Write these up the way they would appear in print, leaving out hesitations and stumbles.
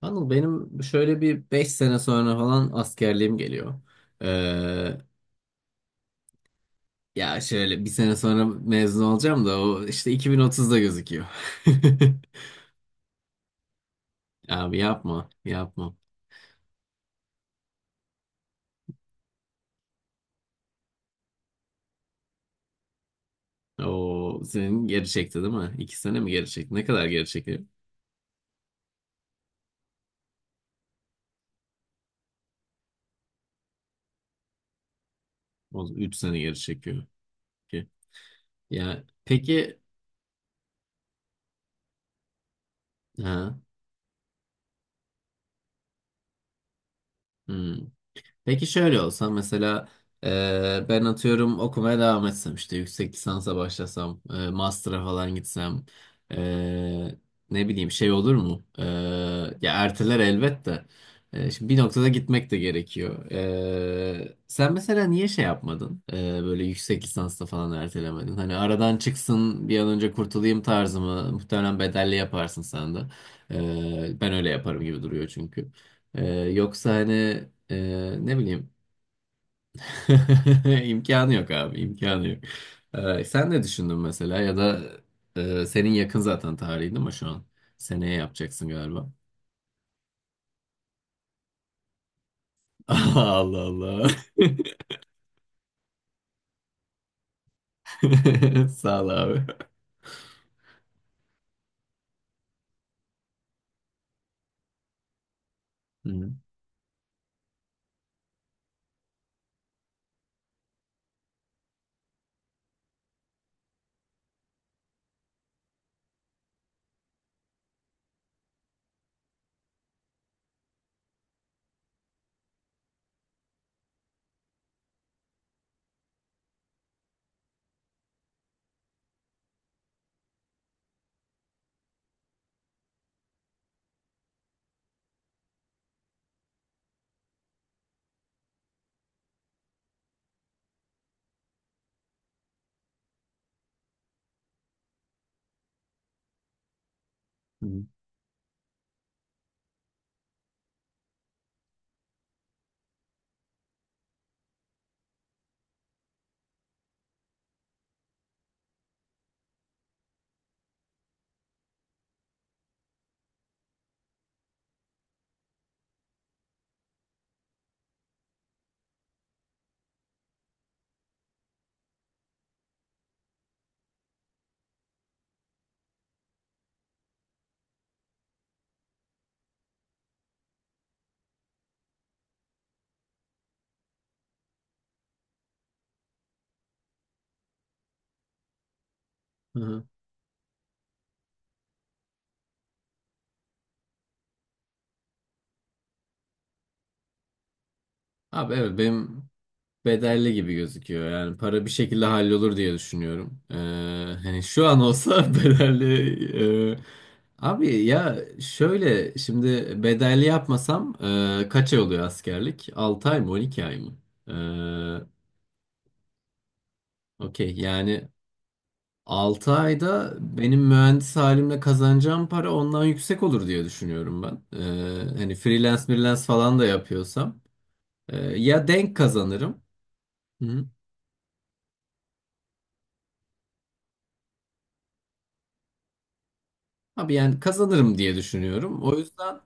Anıl benim şöyle bir 5 sene sonra falan askerliğim geliyor. Ee, ya şöyle bir sene sonra mezun olacağım da o işte 2030'da gözüküyor. Abi yapma, yapma. O senin geri çekti değil mi? 2 sene mi geri çekti? Ne kadar geri çekiyor? O 3 sene geri çekiyor. Ki. Ya peki, ha, hmm. Peki şöyle olsa mesela ben atıyorum okumaya devam etsem, işte yüksek lisansa başlasam, master'a falan gitsem, e, ne bileyim, şey olur mu? Ya erteler elbette. Şimdi bir noktada gitmek de gerekiyor. Sen mesela niye şey yapmadın? Böyle yüksek lisansta falan ertelemedin. Hani aradan çıksın, bir an önce kurtulayım tarzımı, muhtemelen bedelli yaparsın sen de. Ben öyle yaparım gibi duruyor çünkü. Ee, yoksa hani, ne bileyim, imkanı yok abi, imkanı yok. Sen ne düşündün mesela, ya da senin yakın zaten tarihin değil mi şu an? Seneye yapacaksın galiba. Allah Allah. Sağ ol abi. Hı hı. Hı hı. Abi evet, benim bedelli gibi gözüküyor. Yani para bir şekilde hallolur diye düşünüyorum. Hani şu an olsa bedelli. Abi ya şöyle, şimdi bedelli yapmasam, kaç ay oluyor askerlik? 6 ay mı, 12 ay mı? Okey yani, 6 ayda benim mühendis halimle kazanacağım para ondan yüksek olur diye düşünüyorum ben. Hani freelance freelance falan da yapıyorsam. Ya denk kazanırım. Abi yani kazanırım diye düşünüyorum. O yüzden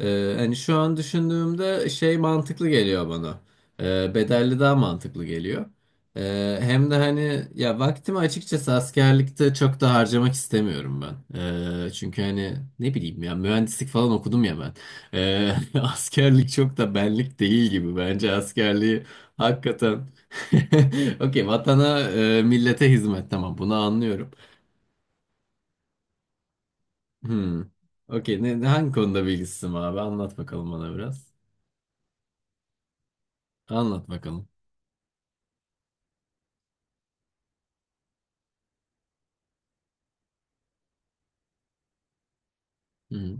hani şu an düşündüğümde şey mantıklı geliyor bana. Bedelli daha mantıklı geliyor. Hem de hani ya, vaktimi açıkçası askerlikte çok da harcamak istemiyorum ben. Çünkü hani ne bileyim, ya mühendislik falan okudum ya ben. Askerlik çok da benlik değil gibi, bence askerliği hakikaten. Okey, vatana millete hizmet, tamam, bunu anlıyorum. Hmm. Okey. Ne, hangi konuda bilgisizim abi? Anlat bakalım bana biraz. Anlat bakalım. Hı.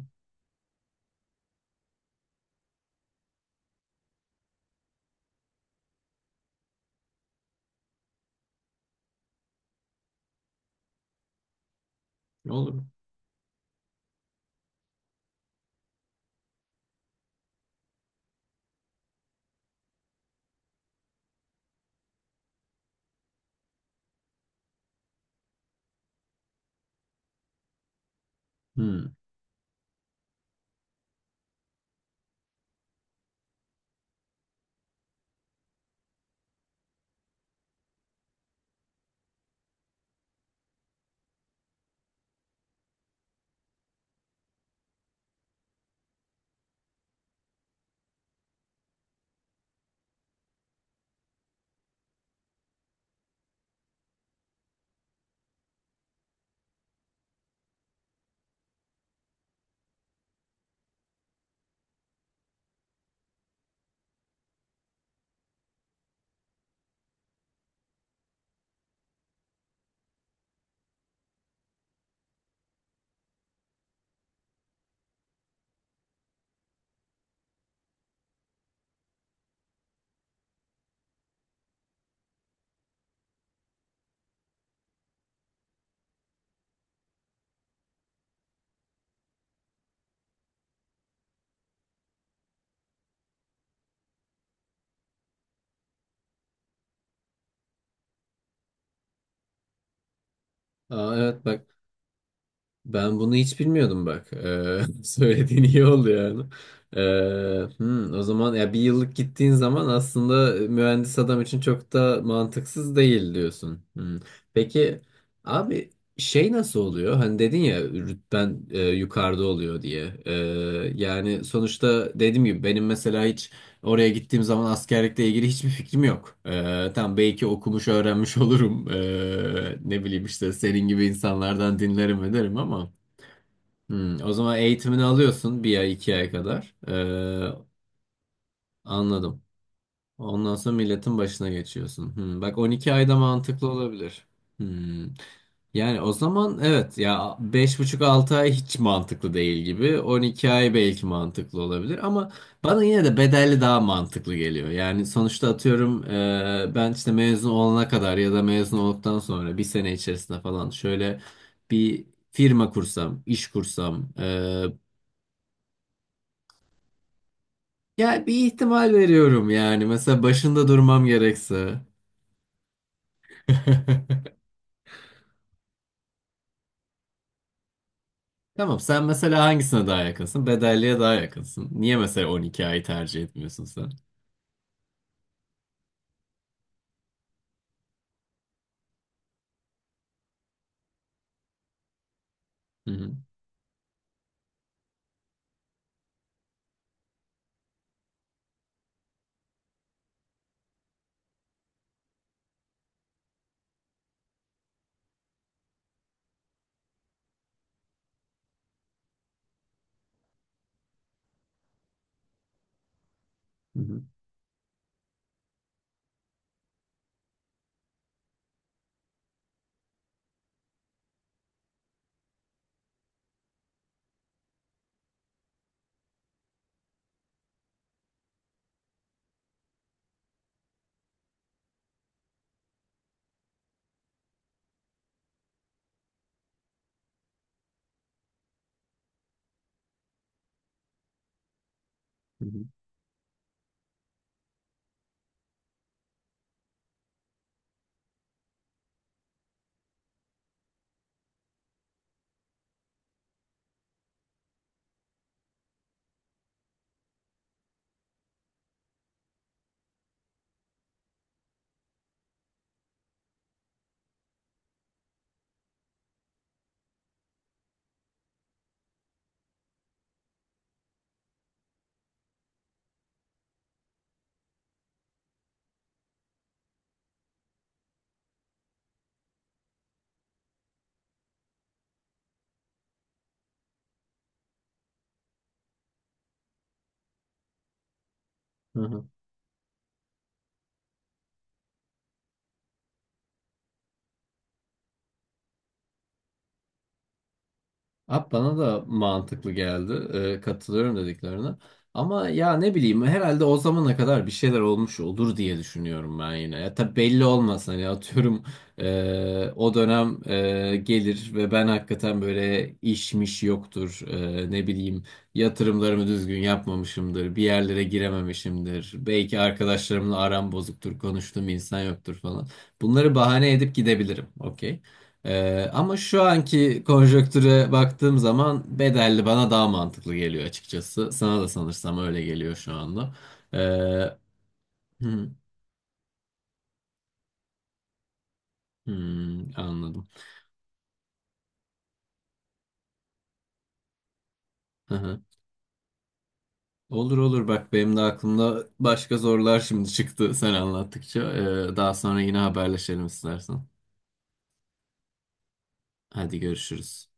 Olur. Hı. Aa, evet, bak. Ben bunu hiç bilmiyordum, bak. Söylediğin iyi oldu yani. Ee, hı, o zaman ya bir yıllık gittiğin zaman aslında, mühendis adam için çok da mantıksız değil diyorsun. Hı. Peki abi, şey nasıl oluyor? Hani dedin ya, rütben yukarıda oluyor diye. Yani sonuçta, dediğim gibi benim mesela hiç oraya gittiğim zaman askerlikle ilgili hiçbir fikrim yok. Tam belki okumuş, öğrenmiş olurum. Ne bileyim, işte senin gibi insanlardan dinlerim, ederim ama. O zaman eğitimini alıyorsun bir ay, iki ay kadar. Anladım. Ondan sonra milletin başına geçiyorsun. Bak, 12 ayda mantıklı olabilir. Hmm. Yani o zaman evet, ya 5,5-6 ay hiç mantıklı değil gibi. 12 ay belki mantıklı olabilir ama bana yine de bedelli daha mantıklı geliyor. Yani sonuçta atıyorum, ben işte mezun olana kadar ya da mezun olduktan sonra bir sene içerisinde falan şöyle bir firma kursam, iş kursam, ya bir ihtimal veriyorum yani. Mesela başında durmam gerekse. Tamam, sen mesela hangisine daha yakınsın? Bedelliye daha yakınsın. Niye mesela 12 ayı tercih etmiyorsun sen? Hı hı. Hı hı. Hı hı. Hı hı. Abi bana da mantıklı geldi. Katılıyorum dediklerine. Ama ya ne bileyim, herhalde o zamana kadar bir şeyler olmuş olur diye düşünüyorum ben yine. Ya tabii belli olmaz, hani atıyorum o dönem gelir ve ben hakikaten böyle, işmiş yoktur. Ne bileyim, yatırımlarımı düzgün yapmamışımdır. Bir yerlere girememişimdir. Belki arkadaşlarımla aram bozuktur. Konuştuğum insan yoktur falan. Bunları bahane edip gidebilirim. Okey. Ama şu anki konjonktüre baktığım zaman bedelli bana daha mantıklı geliyor açıkçası. Sana da sanırsam öyle geliyor şu anda. Hı, hı, anladım. Hı hı. Olur olur, bak benim de aklımda başka sorular şimdi çıktı sen anlattıkça. Daha sonra yine haberleşelim istersen. Hadi görüşürüz.